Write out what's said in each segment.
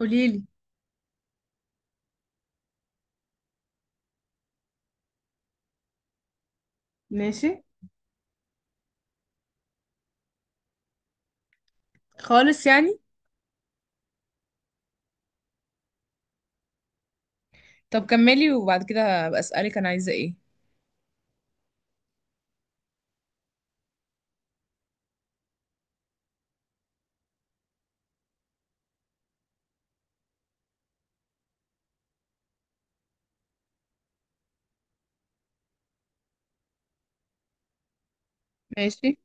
قوليلي. ماشي، خالص يعني. طب كملي وبعد كده هبقى اسالك انا عايزه ايه. ماشي.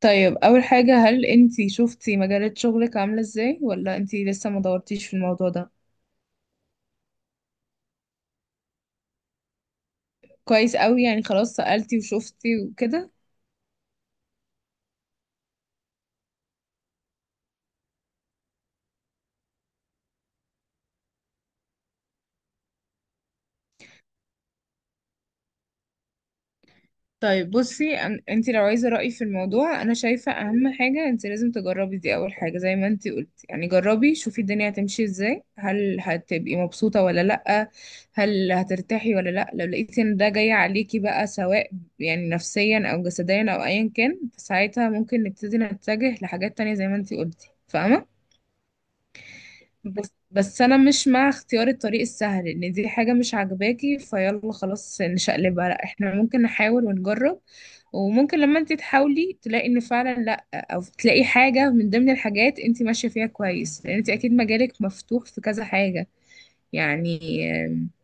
طيب اول حاجه، هل انتي شفتي مجالات شغلك عامله ازاي ولا انتي لسه ما دورتيش في الموضوع ده؟ كويس قوي، يعني خلاص سالتي وشفتي وكده. طيب بصي، انت لو عايزه رايي في الموضوع، انا شايفه اهم حاجه انت لازم تجربي، دي اول حاجه زي ما انت قلتي. يعني جربي شوفي الدنيا هتمشي ازاي، هل هتبقي مبسوطه ولا لا، هل هترتاحي ولا لا. لو لقيتي ان ده جاي عليكي بقى، سواء يعني نفسيا او جسديا او ايا كان، فساعتها ممكن نبتدي نتجه لحاجات تانية زي ما انت قلتي، فاهمه. بس انا مش مع اختيار الطريق السهل ان دي حاجة مش عاجباكي فيلا خلاص نشقلبها، لا احنا ممكن نحاول ونجرب. وممكن لما انت تحاولي تلاقي ان فعلا لا، او تلاقي حاجة من ضمن الحاجات انت ماشية فيها كويس، لان انت اكيد مجالك مفتوح في كذا حاجة. يعني، آه،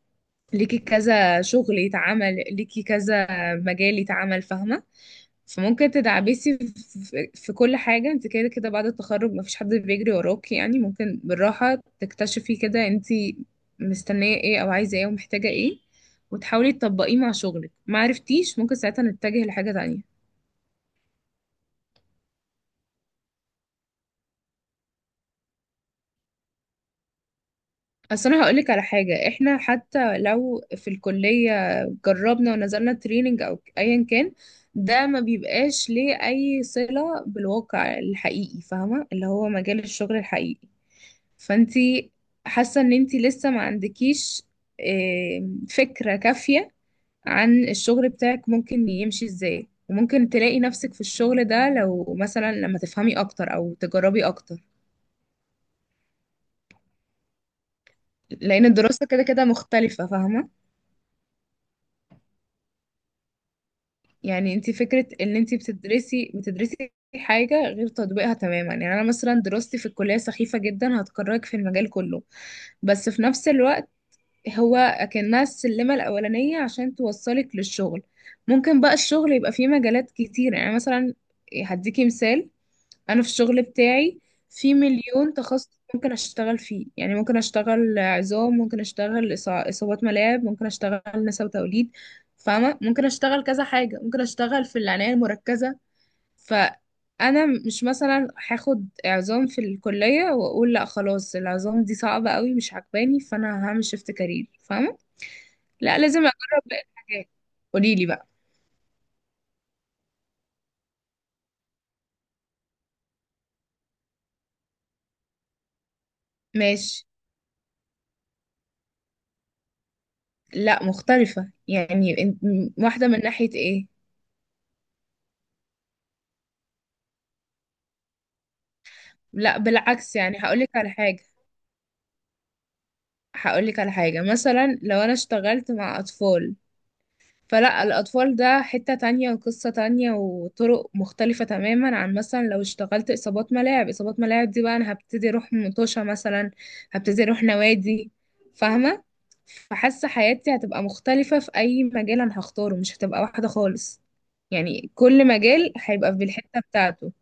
ليكي كذا شغل يتعمل، ليكي كذا مجال يتعمل، فاهمة. فممكن تدعبسي في كل حاجة، انت كده كده بعد التخرج مفيش حد بيجري وراكي، يعني ممكن بالراحة تكتشفي كده انت مستنية ايه او عايزة ايه ومحتاجة ايه، وتحاولي تطبقيه مع شغلك. ما عرفتيش، ممكن ساعتها نتجه لحاجة تانية. اصل انا هقولك على حاجة، احنا حتى لو في الكلية جربنا ونزلنا تريننج او ايا كان، ده ما بيبقاش ليه اي صلة بالواقع الحقيقي، فاهمة، اللي هو مجال الشغل الحقيقي. فانتي حاسة ان انتي لسه ما عندكيش فكرة كافية عن الشغل بتاعك ممكن يمشي ازاي، وممكن تلاقي نفسك في الشغل ده لو مثلا لما تفهمي اكتر او تجربي اكتر. لان الدراسة كده كده مختلفة، فاهمة. يعني انتي فكرة ان انتي بتدرسي حاجة غير تطبيقها تماما. يعني انا مثلا دراستي في الكلية سخيفة جدا هتكرهك في المجال كله، بس في نفس الوقت هو أكنها السلمة الأولانية عشان توصلك للشغل. ممكن بقى الشغل يبقى فيه مجالات كتير، يعني مثلا هديكي مثال. أنا في الشغل بتاعي في مليون تخصص ممكن أشتغل فيه، يعني ممكن أشتغل عظام، ممكن أشتغل إصابات ملاعب، ممكن أشتغل نساء وتوليد، فاهمة. ممكن أشتغل كذا حاجة، ممكن أشتغل في العناية المركزة. فأنا مش مثلا هاخد عظام في الكلية وأقول لأ خلاص العظام دي صعبة قوي مش عجباني فأنا هعمل شيفت كارير، فاهمة. لا لازم اجرب باقي الحاجات. قولي لي بقى. ماشي. لا مختلفة، يعني واحدة من ناحية ايه. لا بالعكس، يعني هقولك على حاجة. هقولك على حاجة، مثلا لو انا اشتغلت مع اطفال فلا، الأطفال ده حتة تانية وقصة تانية وطرق مختلفة تماما عن مثلا لو اشتغلت إصابات ملاعب. إصابات ملاعب دي بقى أنا هبتدي أروح مطوشة مثلا، هبتدي أروح نوادي، فاهمة. فحاسة حياتي هتبقى مختلفة في أي مجال أنا هختاره، مش هتبقى واحدة خالص. يعني كل مجال هيبقى بالحتة بتاعته.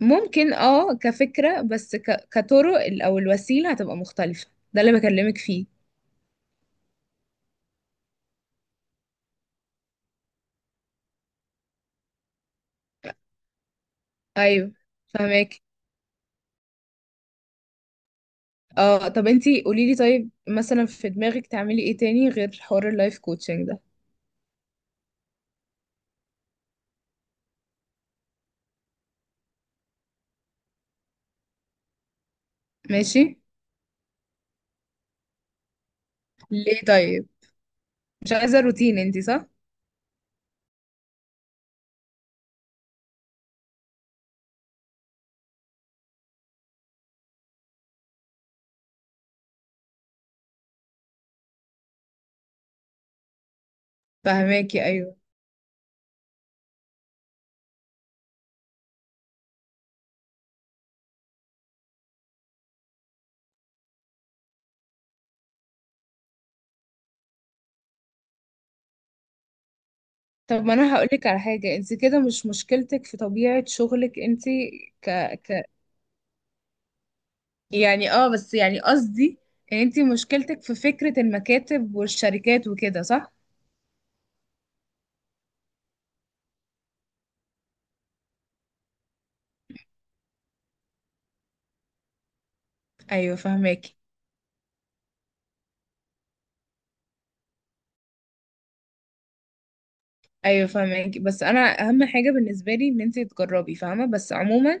ممكن اه كفكرة، بس كطرق أو الوسيلة هتبقى مختلفة. ده اللي بكلمك فيه. أيوه. فهماك. اه طب انتي قوليلي، طيب مثلا في دماغك تعملي ايه تاني غير حوار اللايف كوتشنج ده؟ ماشي. ليه طيب؟ مش عايزة روتين انتي، صح؟ فهماكي، ايوه. طب ما انا هقولك على حاجة، انتي كده مش مشكلتك في طبيعة شغلك انتي. ك... ك... يعني اه بس يعني قصدي ان انتي مشكلتك في فكرة المكاتب والشركات وكده، صح؟ ايوه فهماكي. ايوه فاهمك. بس انا اهم حاجه بالنسبه لي ان انت تجربي، فاهمه. بس عموما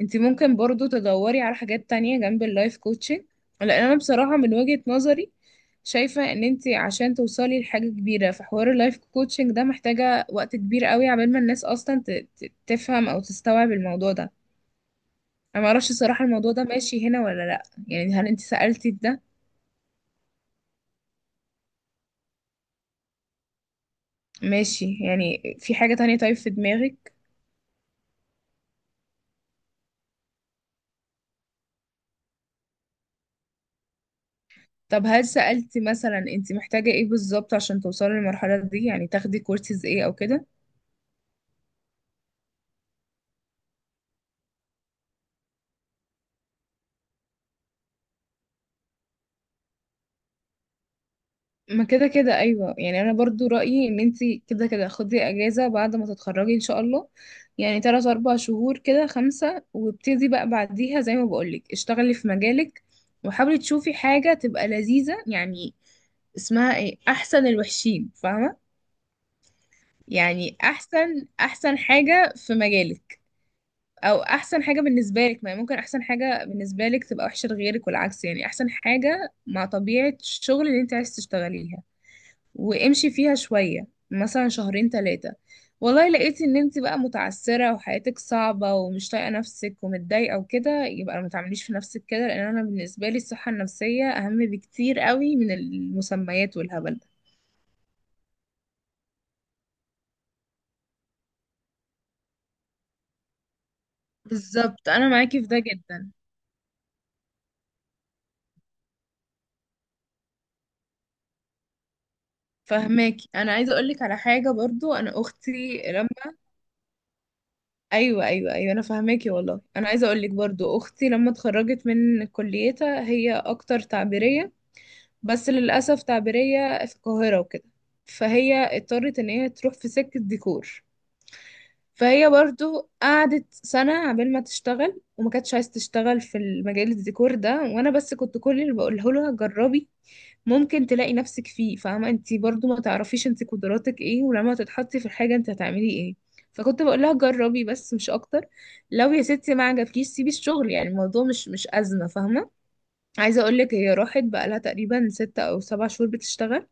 انت ممكن برضو تدوري على حاجات تانية جنب اللايف كوتشنج، لان انا بصراحه من وجهه نظري شايفه ان انت عشان توصلي لحاجه كبيره في حوار اللايف كوتشنج ده محتاجه وقت كبير قوي، عبال ما الناس اصلا تفهم او تستوعب الموضوع ده. انا ما اعرفش الصراحه الموضوع ده ماشي هنا ولا لا، يعني هل انت سالتي في ده؟ ماشي. يعني في حاجه تانية طيب في دماغك؟ طب هل سألتي مثلا انت محتاجة ايه بالظبط عشان توصلي للمرحلة دي، يعني تاخدي كورسز ايه او كده؟ ما كده كده ايوه. يعني انا برضو رأيي ان انت كده كده خدي اجازة بعد ما تتخرجي ان شاء الله، يعني تلات اربع شهور كده، خمسة، وابتدي بقى بعديها زي ما بقولك اشتغلي في مجالك، وحاولي تشوفي حاجة تبقى لذيذة. يعني اسمها ايه، احسن الوحشين، فاهمة. يعني احسن احسن حاجة في مجالك، او احسن حاجه بالنسبه لك. ما هي ممكن احسن حاجه بالنسبه لك تبقى وحشه لغيرك والعكس. يعني احسن حاجه مع طبيعه الشغل اللي انت عايز تشتغليها، وامشي فيها شويه، مثلا شهرين ثلاثه. والله لقيتي ان انت بقى متعسره وحياتك صعبه ومش طايقه نفسك ومتضايقه وكده، يبقى ما تعمليش في نفسك كده، لان انا بالنسبه لي الصحه النفسيه اهم بكتير قوي من المسميات والهبل ده. بالظبط، انا معاكي في ده جدا. فهماكي. انا عايزه اقولك على حاجه برضو، انا اختي. ايوه ايوه ايوه، انا فاهماكي والله. انا عايزه اقول لك برضو، اختي لما اتخرجت من كليتها هي اكتر تعبيريه، بس للاسف تعبيريه في القاهره وكده، فهي اضطرت ان هي تروح في سكه ديكور. فهي برضو قعدت سنه عبال ما تشتغل، وما كانتش عايزه تشتغل في المجال الديكور ده، وانا بس كنت كل اللي بقوله لها جربي، ممكن تلاقي نفسك فيه، فاهمة. انت برضو ما تعرفيش انت قدراتك ايه، ولما تتحطي في الحاجة انت هتعملي ايه. فكنت بقول لها جربي بس مش اكتر. لو يا ستي ما عجبكيش سيبي الشغل، يعني الموضوع مش أزمة، فاهمة. عايزة اقول لك هي راحت بقى لها تقريبا ستة او سبع شهور بتشتغل،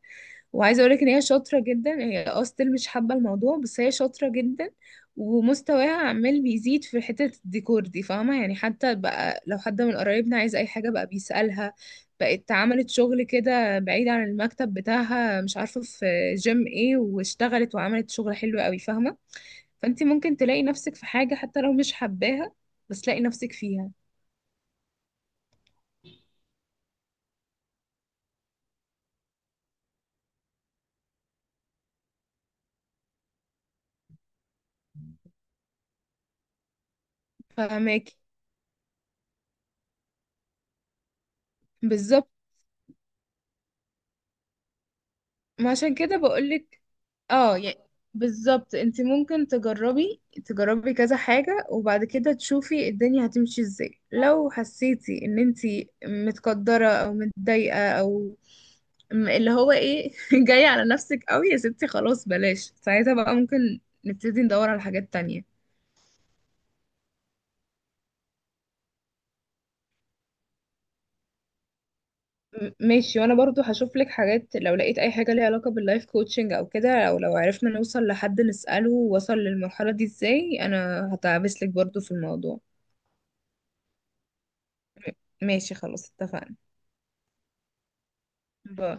وعايزه اقولك ان هي شاطره جدا. هي اه still مش حابه الموضوع، بس هي شاطره جدا ومستواها عمال بيزيد في حته الديكور دي، فاهمه. يعني حتى بقى لو حد من قرايبنا عايز اي حاجه بقى بيسالها. بقت عملت شغل كده بعيد عن المكتب بتاعها، مش عارفه في جيم ايه، واشتغلت وعملت شغل حلو قوي، فاهمه. فانت ممكن تلاقي نفسك في حاجه حتى لو مش حباها، بس تلاقي نفسك فيها. فاهماكي. بالظبط. ما عشان كده بقولك. اه يعني بالظبط، انت ممكن تجربي، تجربي كذا حاجة، وبعد كده تشوفي الدنيا هتمشي ازاي. لو حسيتي ان انت متقدرة او متضايقة او اللي هو ايه جاية على نفسك قوي يا ستي، خلاص بلاش. ساعتها بقى ممكن نبتدي ندور على حاجات تانية. ماشي، وانا برضو هشوف لك حاجات. لو لقيت اي حاجة ليها علاقة باللايف كوتشنج او كده، او لو عرفنا نوصل لحد نسأله وصل للمرحلة دي ازاي، انا هتعبس لك برضو في الموضوع. ماشي خلاص اتفقنا. ب...